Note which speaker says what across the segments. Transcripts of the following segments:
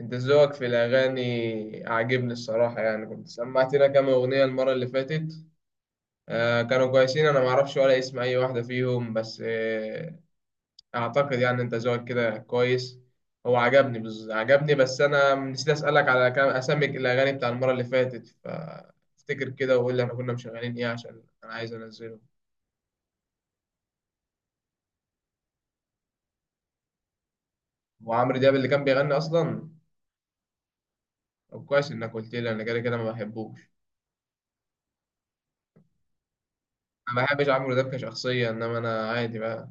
Speaker 1: انت ذوقك في الاغاني عاجبني الصراحه، يعني كنت سمعتنا كام اغنيه المره اللي فاتت؟ آه كانوا كويسين، انا ما اعرفش ولا اسم اي واحده فيهم، بس اعتقد يعني انت ذوقك كده كويس. هو عجبني عجبني، بس انا نسيت اسالك على كام اسامي الاغاني بتاع المره اللي فاتت، فافتكر كده وقول لي احنا كنا مشغلين ايه عشان انا عايز انزله. وعمرو دياب اللي كان بيغني اصلا. طب كويس انك قلت لي، انا كده كده ما بحبوش. انا ما بحبش عمرو دياب كشخصيه، انما انا عادي بقى.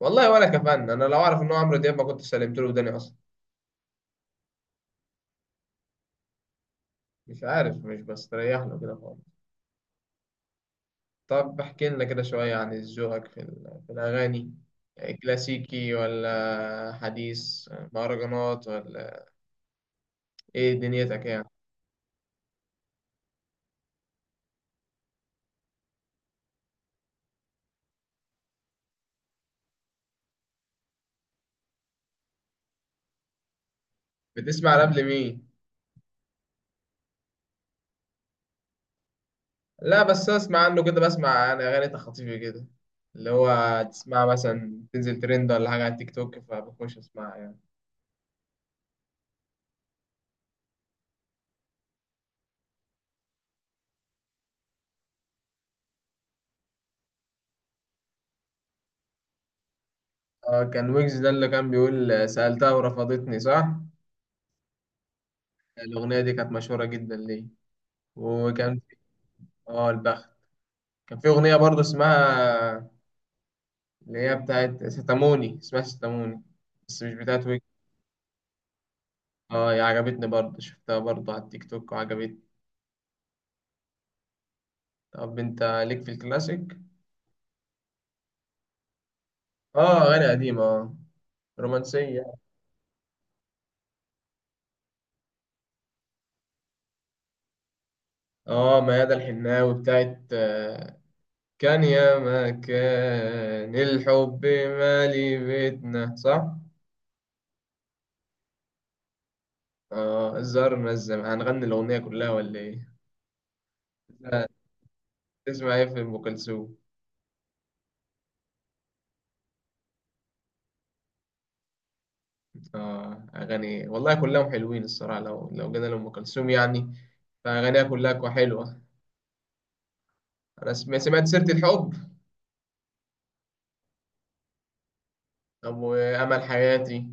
Speaker 1: والله ولا كفن، انا لو اعرف ان هو عمرو دياب ما كنت سلمت له وداني اصلا. مش عارف، مش بستريح له كده خالص. طب احكي لنا كده شويه عن ذوقك في الاغاني، كلاسيكي ولا حديث، مهرجانات ولا ايه دنيتك يعني؟ بتسمع راب لمين؟ لا بس اسمع عنه كده، بسمع انا اغاني تخاطيفي كده، اللي هو تسمع مثلا تنزل ترند ولا حاجه على التيك توك فبخش اسمعها يعني. اه كان ويجز ده اللي كان بيقول سألتها ورفضتني صح؟ الأغنية دي كانت مشهورة جدا ليه؟ وكان في، اه البخت. كان في أغنية برضه اسمها، اللي هي بتاعت ستاموني، اسمها ستاموني، بس مش بتاعت ويك. اه هي عجبتني برضه، شفتها برضه على التيك توك وعجبتني. طب انت ليك في الكلاسيك؟ اه أغاني قديمة، اه رومانسية. اه ميادة الحناوي بتاعت كان يا ما كان الحب مالي بيتنا صح؟ اه زرنا الزمان، هنغني الأغنية كلها ولا ايه؟ لا، تسمع ايه في أم كلثوم؟ آه أغاني والله كلهم حلوين الصراحة، لو جينا لأم كلثوم يعني فأغانيها كلها حلوة. سمعت سيرة الحب، أبو أمل حياتي.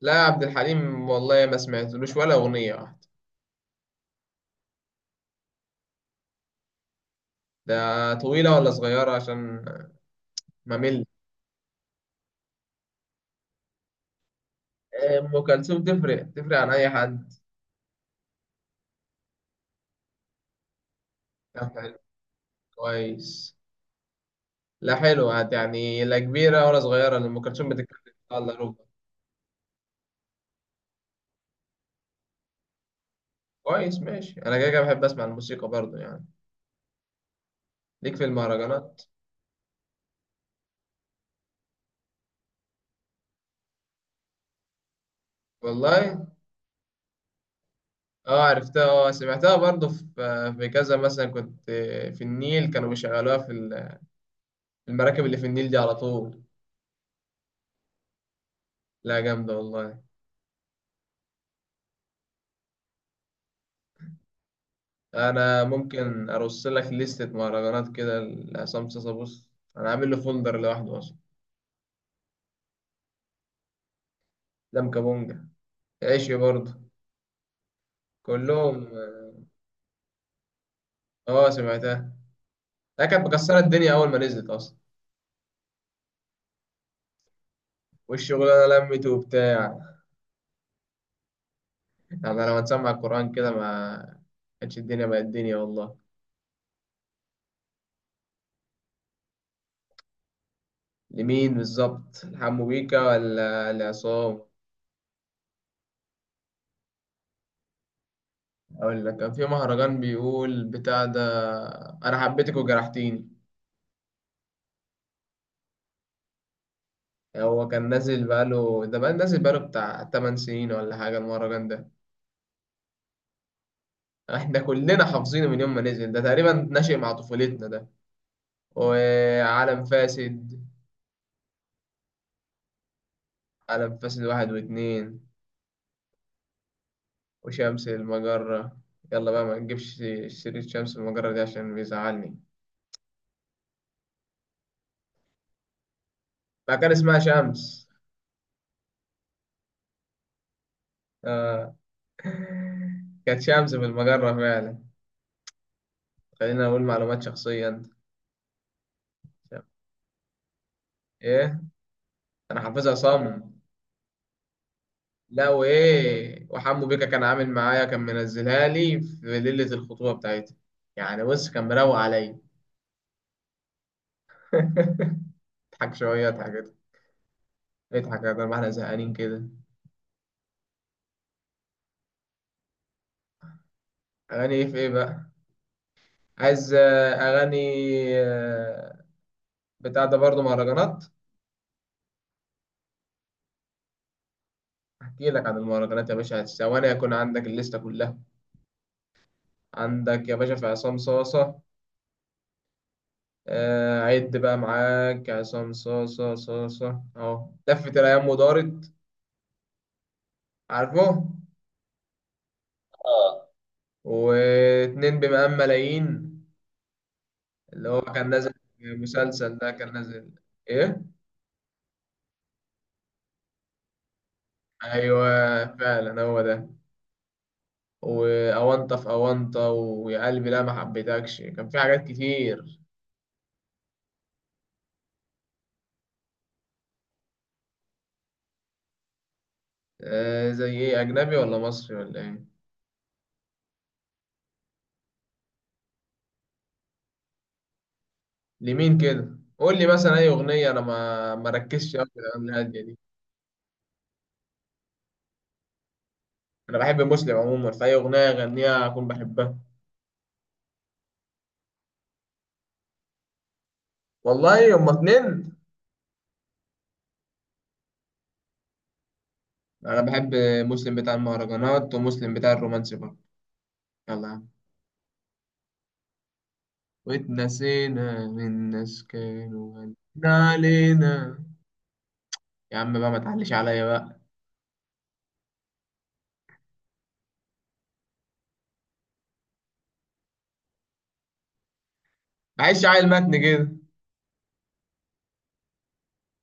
Speaker 1: لا عبد الحليم والله ما سمعتلوش ولا أغنية واحدة. ده طويلة ولا صغيرة عشان ما مل. أم كلثوم تفرق تفرق عن أي حد. لا حلو، كويس. لا حلوة يعني، لا كبيرة ولا صغيرة، لأم كلثوم بتتكلم الله ربع. كويس ماشي، أنا كده كده بحب أسمع الموسيقى برضه يعني. ليك في المهرجانات؟ والله، اه عرفتها. اه سمعتها برضه في كذا، مثلا كنت في النيل كانوا بيشغلوها في المراكب اللي في النيل دي على طول. لا جامدة والله. أنا ممكن أرص لك لستة مهرجانات كده لعصام صاصا، بص أنا عامل له فولدر لوحده أصلا. لم كابونجا، عيشي برضه. كلهم، اه سمعتها. لا كانت مكسرة الدنيا أول ما نزلت أصلا. والشغلانة لمت وبتاع، يعني لما تسمع القرآن كده ما كانتش الدنيا بقت الدنيا والله. لمين بالظبط؟ لحمو بيكا ولا لعصام؟ اقول لك، كان في مهرجان بيقول بتاع ده: انا حبيتك وجرحتيني. هو كان نازل بقاله ده، بقى نازل بقاله بتاع 8 سنين ولا حاجه المهرجان ده. احنا كلنا حافظينه من يوم ما نزل، ده تقريبا ناشئ مع طفولتنا ده. وعالم فاسد، عالم فاسد واحد واتنين، وشمس المجرة. يلا بقى، ما نجيبش سيرة شمس المجرة دي عشان بيزعلني. بقى كان اسمها شمس. آه. كانت شمس في المجرة فعلا. خلينا أقول معلومات شخصية، أنت. إيه؟ أنا حافظها صم. لا وإيه، وحمو بيكا كان عامل معايا، كان منزلها لي في ليلة الخطوبة بتاعتي. يعني بص، كان مروق عليا. اضحك شوية، اضحك كده، اضحك يا ما احنا زهقانين كده. أغاني إيه في إيه بقى؟ عايز أغاني آه، بتاع ده برضه مهرجانات. أحكي لك عن المهرجانات يا باشا، ثواني يكون عندك الليستة كلها. عندك يا باشا في عصام صاصة، عد بقى معاك. عصام صاصة صاصة أهو، لفت الأيام ودارت، عارفه؟ اه. واتنين بمقام ملايين، اللي هو كان نازل في مسلسل ده كان نازل، إيه؟ أيوه فعلا هو ده. وأونطة في أونطة، ويا قلبي لا ما حبيتكش، كان في حاجات كتير. آه زي إيه، أجنبي ولا مصري ولا إيه؟ لمين كده؟ قول لي مثلا أي أغنية، أنا ما مركزش أوي في الأغاني الهادية دي. انا بحب مسلم عموما، فاي اغنيه يغنيها اكون بحبها. والله هما اتنين، انا بحب مسلم بتاع المهرجانات ومسلم بتاع الرومانسي برضه. يلا يا عم، واتنسينا من ناس كانوا غالين علينا. يا عم بقى، ما تعليش عليا بقى. معلش عيل متن كده،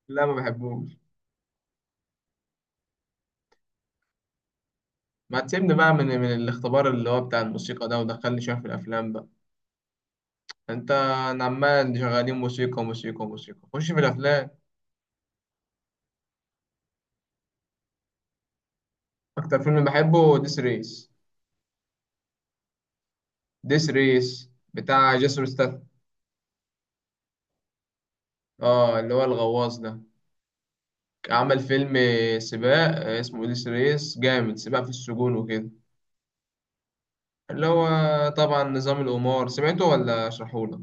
Speaker 1: لا ما بحبوش. ما تسيبني بقى من الاختبار اللي هو بتاع الموسيقى ده، ودخلني شويه في الافلام بقى. انت أنا عمال شغالين موسيقى موسيقى موسيقى، خش في الافلام. اكتر فيلم بحبه ديس ريس. ديس ريس بتاع جيسون ستاثام، اه اللي هو الغواص ده، عمل فيلم سباق، اسمه اوديس ريس، جامد. سباق في السجون وكده، اللي هو طبعا نظام القمار، سمعته ولا اشرحهولك؟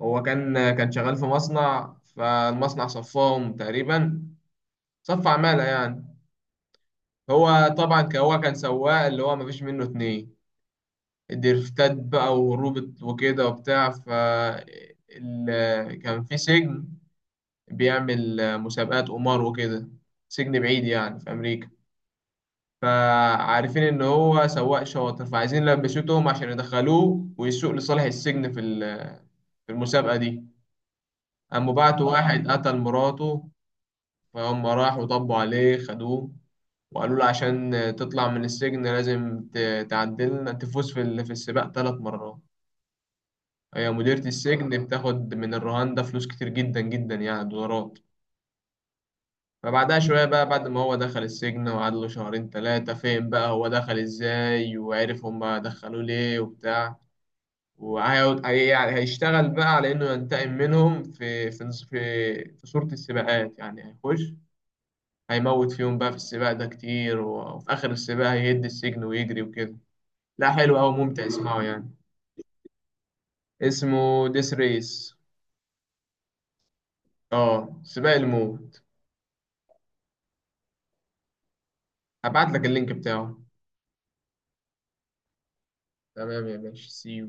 Speaker 1: هو كان شغال في مصنع، فالمصنع صفاهم تقريبا، صف عمالة يعني. هو طبعا هو كان سواق اللي هو مفيش منه اتنين، الدرفتات بقى وهروب وكده وبتاع. ف كان في سجن بيعمل مسابقات قمار وكده، سجن بعيد يعني في أمريكا. فعارفين ان هو سواق شاطر، فعايزين يلبسوه تهم عشان يدخلوه ويسوق لصالح السجن في المسابقة دي. قاموا بعتوا واحد قتل مراته، فهم راحوا طبوا عليه خدوه وقالوا له عشان تطلع من السجن لازم تعدلنا تفوز في السباق 3 مرات. هي مديرة السجن بتاخد من الرهان ده فلوس كتير جدا جدا يعني، دولارات. فبعدها شوية بقى، بعد ما هو دخل السجن وقعد له شهرين تلاتة، فين بقى هو دخل ازاي وعرف هما دخلوه ليه وبتاع. يعني هيشتغل بقى على إنه ينتقم منهم في في صورة السباقات يعني، هيخش هيموت فيهم بقى في السباق ده كتير، وفي آخر السباق هيهد السجن ويجري وكده. لا حلو أوي، ممتع اسمعه يعني. اسمه ديس ريس، اه سباق الموت. هبعت لك اللينك بتاعه. تمام يا باشا، سيو.